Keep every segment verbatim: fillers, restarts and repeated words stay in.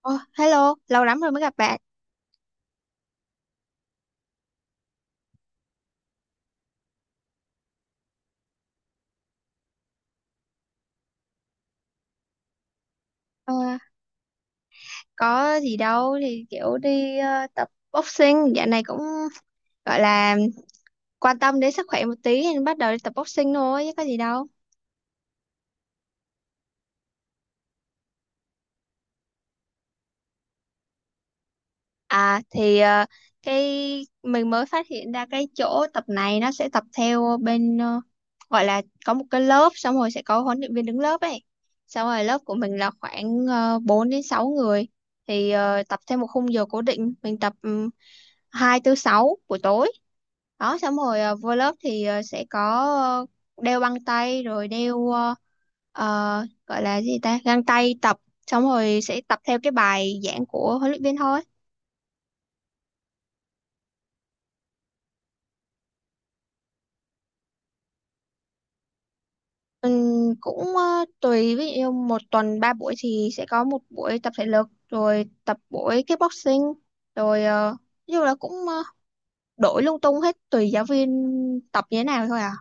Ồ, hello, lâu lắm rồi mới gặp bạn. Ờ, có gì đâu thì kiểu đi ờ, tập boxing, dạo này cũng gọi là quan tâm đến sức khỏe một tí nên bắt đầu đi tập boxing thôi chứ có gì đâu. À thì ờ, cái mình mới phát hiện ra cái chỗ tập này, nó sẽ tập theo bên, ờ, gọi là có một cái lớp, xong rồi sẽ có huấn luyện viên đứng lớp ấy. Xong rồi lớp của mình là khoảng uh, bốn đến sáu người, thì ờ, tập theo một khung giờ cố định. Mình tập um, hai tới sáu buổi tối đó. Xong rồi ờ, vô lớp thì ờ, sẽ có ờ, đeo băng tay, rồi đeo ờ, ờ, gọi là gì ta, găng tay tập, xong rồi sẽ tập theo cái bài giảng của huấn luyện viên thôi. Ừm, cũng ờ, tùy, ví dụ như một tuần ba buổi thì sẽ có một buổi tập thể lực rồi tập buổi kickboxing, rồi ờ, nói chung là cũng ờ, đổi lung tung hết, tùy giáo viên tập như thế nào thôi à.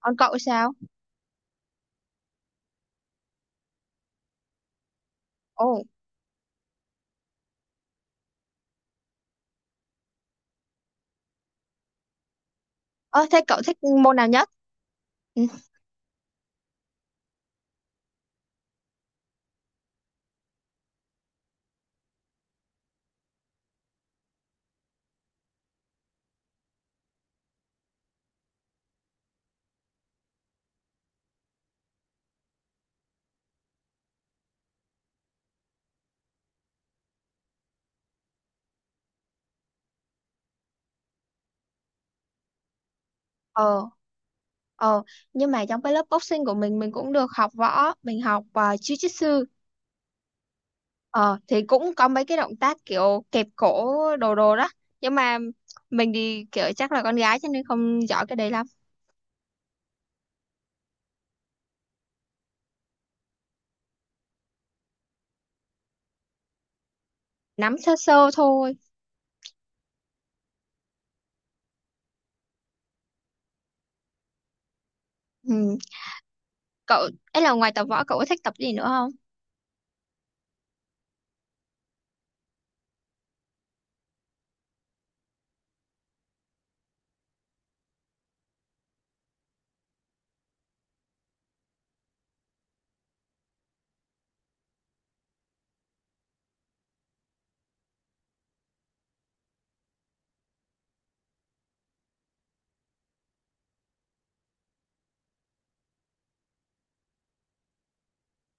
Còn cậu sao? Ồ, ơ, thế cậu thích môn nào nhất? Ừ. ờ ờ nhưng mà trong cái lớp boxing của mình mình cũng được học võ. Mình học uh, jiu-jitsu. ờ thì cũng có mấy cái động tác kiểu kẹp cổ đồ đồ đó, nhưng mà mình thì kiểu chắc là con gái cho nên không giỏi cái đấy lắm, nắm sơ sơ thôi. Ừ. Cậu ấy là, ngoài tập võ cậu có thích tập gì nữa không?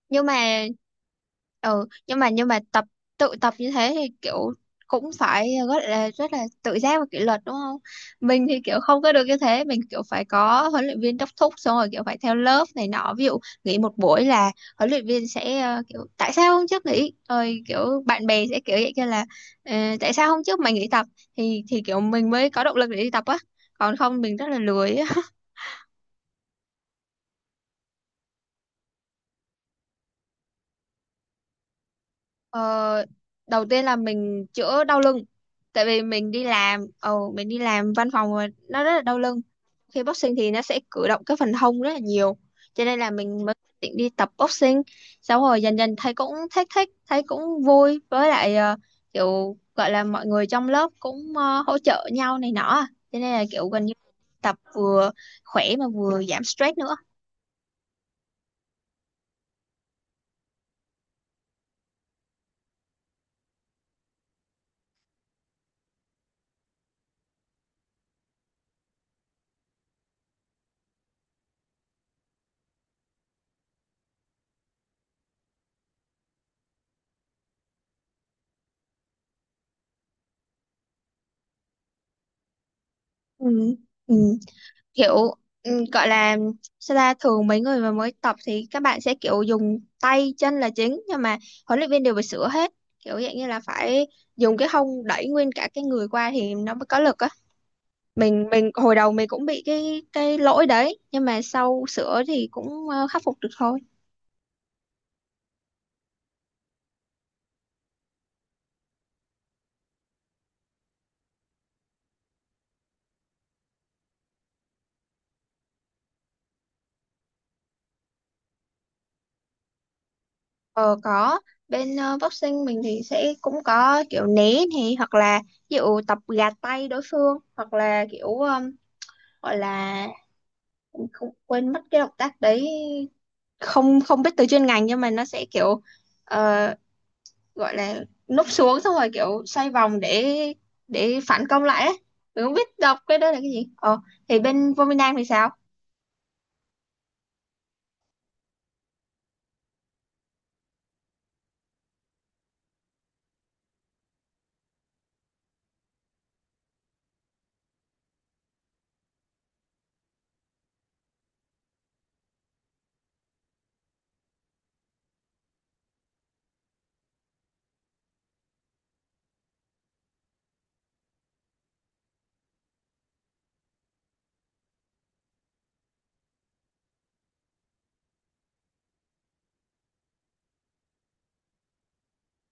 Nhưng mà, ừ, nhưng mà, nhưng mà tập tự tập như thế thì kiểu cũng phải rất là rất là tự giác và kỷ luật, đúng không? Mình thì kiểu không có được như thế. Mình kiểu phải có huấn luyện viên đốc thúc, xong rồi kiểu phải theo lớp này nọ. Ví dụ nghỉ một buổi là huấn luyện viên sẽ ờ, kiểu, tại sao hôm trước nghỉ, rồi kiểu bạn bè sẽ kiểu vậy kia là, "Ờ, tại sao hôm trước mày nghỉ tập?" Thì thì kiểu mình mới có động lực để đi tập á, còn không mình rất là lười. Ờ, đầu tiên là mình chữa đau lưng, tại vì mình đi làm ồ mình đi làm văn phòng mà nó rất là đau lưng. Khi boxing thì nó sẽ cử động cái phần hông rất là nhiều, cho nên là mình mới định đi tập boxing. Sau rồi dần dần thấy cũng thích thích, thấy cũng vui, với lại ờ, kiểu gọi là mọi người trong lớp cũng ờ, hỗ trợ nhau này nọ à. Cho nên là kiểu gần như tập vừa khỏe mà vừa giảm stress nữa. Ừ. Ừ. Kiểu, ừ, gọi là, sao ta, thường mấy người mà mới tập thì các bạn sẽ kiểu dùng tay chân là chính, nhưng mà huấn luyện viên đều phải sửa hết, kiểu dạng như là phải dùng cái hông đẩy nguyên cả cái người qua thì nó mới có lực á. Mình mình hồi đầu mình cũng bị cái cái lỗi đấy, nhưng mà sau sửa thì cũng ờ, khắc phục được thôi. Ờ, có. Bên ờ, boxing mình thì sẽ cũng có kiểu né này, hoặc là ví dụ tập gạt tay đối phương, hoặc là kiểu ờ, gọi là mình không, quên mất cái động tác đấy, không không biết từ chuyên ngành, nhưng mà nó sẽ kiểu ờ, gọi là núp xuống xong rồi kiểu xoay vòng để để phản công lại ấy. Mình không biết đọc cái đó là cái gì. ờ thì bên Vominang thì sao?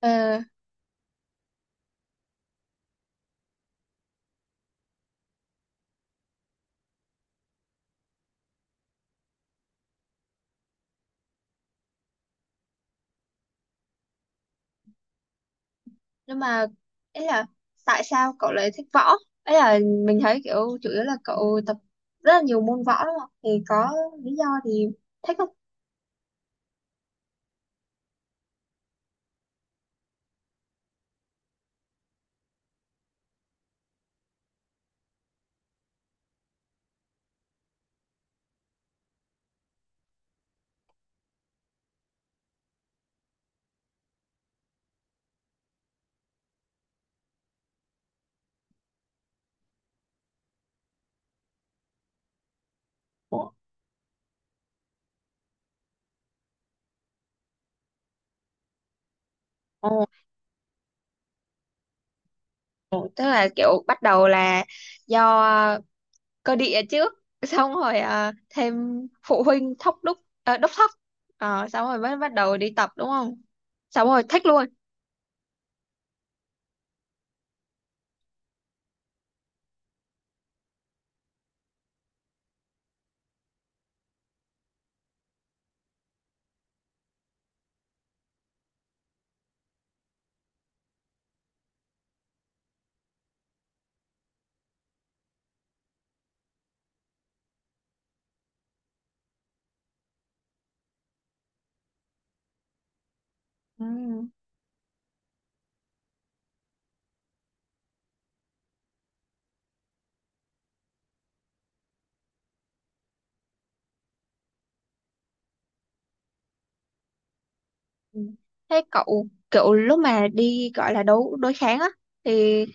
ờ nhưng mà, ấy là, tại sao cậu lại thích võ? Ấy là mình thấy kiểu chủ yếu là cậu tập rất là nhiều môn võ, đúng không? Thì có lý do thì thích không? Ồ, ồ, tức là kiểu bắt đầu là do cơ địa trước, xong rồi, à, thêm phụ huynh thóc đúc à, đốc thóc. Ờ, xong rồi mới bắt đầu đi tập đúng không? Xong rồi thích luôn. Ừ. Ừ. Thế cậu kiểu lúc mà đi, gọi là đấu đối kháng á, thì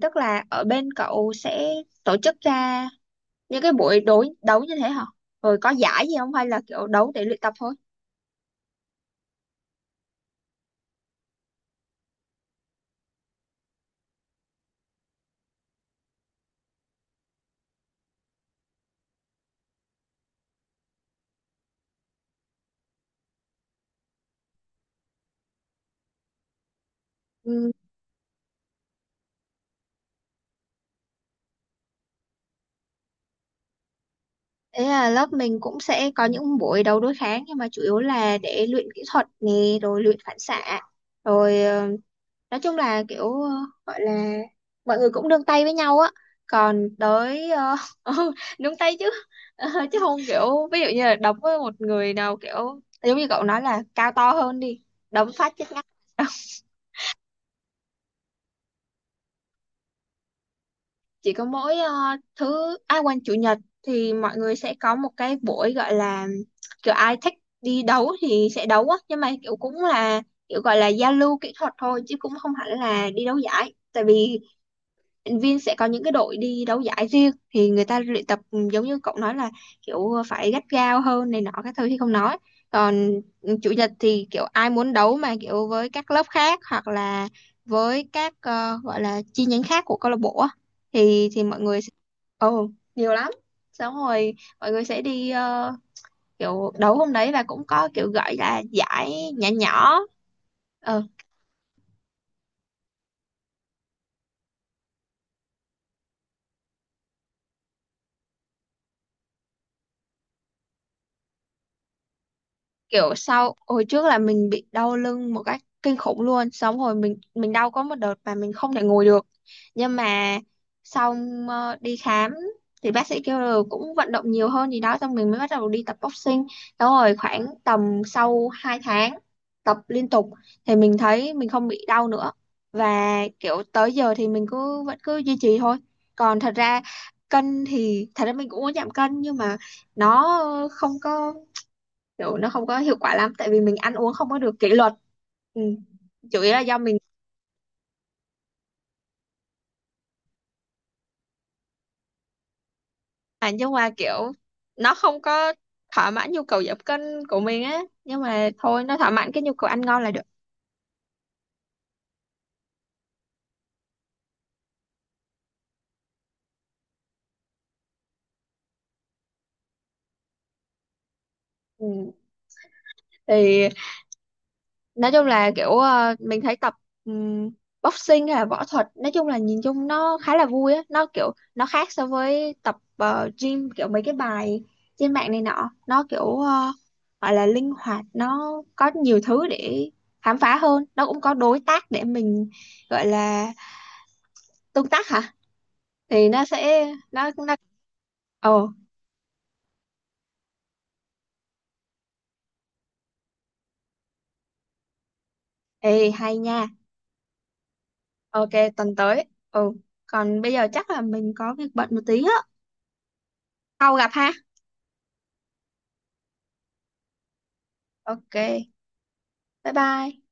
tức là ở bên cậu sẽ tổ chức ra những cái buổi đối đấu như thế hả? Rồi có giải gì không, hay là kiểu đấu để luyện tập thôi? Thế là lớp mình cũng sẽ có những buổi đấu đối kháng, nhưng mà chủ yếu là để luyện kỹ thuật nè, rồi luyện phản xạ, rồi ờ, nói chung là kiểu ờ, gọi là mọi người cũng nương tay với nhau á. Còn tới ờ, ừ, nương tay chứ. Ờ, chứ không, kiểu ví dụ như là đấm với một người nào kiểu giống như cậu nói là cao to hơn đi, đấm phát chết ngắt. Chỉ có mỗi ờ, thứ ai quanh chủ nhật thì mọi người sẽ có một cái buổi, gọi là kiểu ai thích đi đấu thì sẽ đấu á, nhưng mà kiểu cũng là kiểu gọi là giao lưu kỹ thuật thôi chứ cũng không hẳn là đi đấu giải, tại vì luyện viên sẽ có những cái đội đi đấu giải riêng thì người ta luyện tập ừ, giống như cậu nói là kiểu phải gắt gao hơn này nọ các thứ thì không nói. Còn chủ nhật thì kiểu ai muốn đấu mà kiểu với các lớp khác, hoặc là với các ờ, gọi là chi nhánh khác của câu lạc bộ á, thì thì mọi người sẽ, ồ, nhiều lắm. Xong rồi mọi người sẽ đi ờ, kiểu đấu hôm đấy, và cũng có kiểu gọi là giải nhỏ nhỏ. Ờ kiểu sau, hồi trước là mình bị đau lưng một cách kinh khủng luôn, xong rồi mình mình đau có một đợt mà mình không thể ngồi được. Nhưng mà, xong ờ, đi khám thì bác sĩ kêu là cũng vận động nhiều hơn gì đó, xong mình mới bắt đầu đi tập boxing đó. Rồi khoảng tầm sau hai tháng tập liên tục thì mình thấy mình không bị đau nữa, và kiểu tới giờ thì mình cứ vẫn cứ duy trì thôi. Còn thật ra cân thì thật ra mình cũng muốn giảm cân, nhưng mà nó không có kiểu nó không có hiệu quả lắm, tại vì mình ăn uống không có được kỷ luật. Ừ. Chủ yếu là do mình. Mà nhưng mà kiểu nó không có thỏa mãn nhu cầu giảm cân của mình á. Nhưng mà thôi, nó thỏa mãn cái nhu cầu ăn ngon là được. Ừ. Thì nói chung là kiểu ờ, mình thấy tập ừm, boxing hay là võ thuật, nói chung là nhìn chung nó khá là vui á. Nó kiểu nó khác so với tập ờ, gym, kiểu mấy cái bài trên mạng này nọ. Nó kiểu ờ, gọi là linh hoạt, nó có nhiều thứ để khám phá hơn. Nó cũng có đối tác để mình, gọi là tương tác hả, thì nó sẽ nó nó. Ồ, ê, hay nha. Ok, tuần tới. Ừ, còn bây giờ chắc là mình có việc bận một tí á. Sau gặp ha. Ok, bye bye.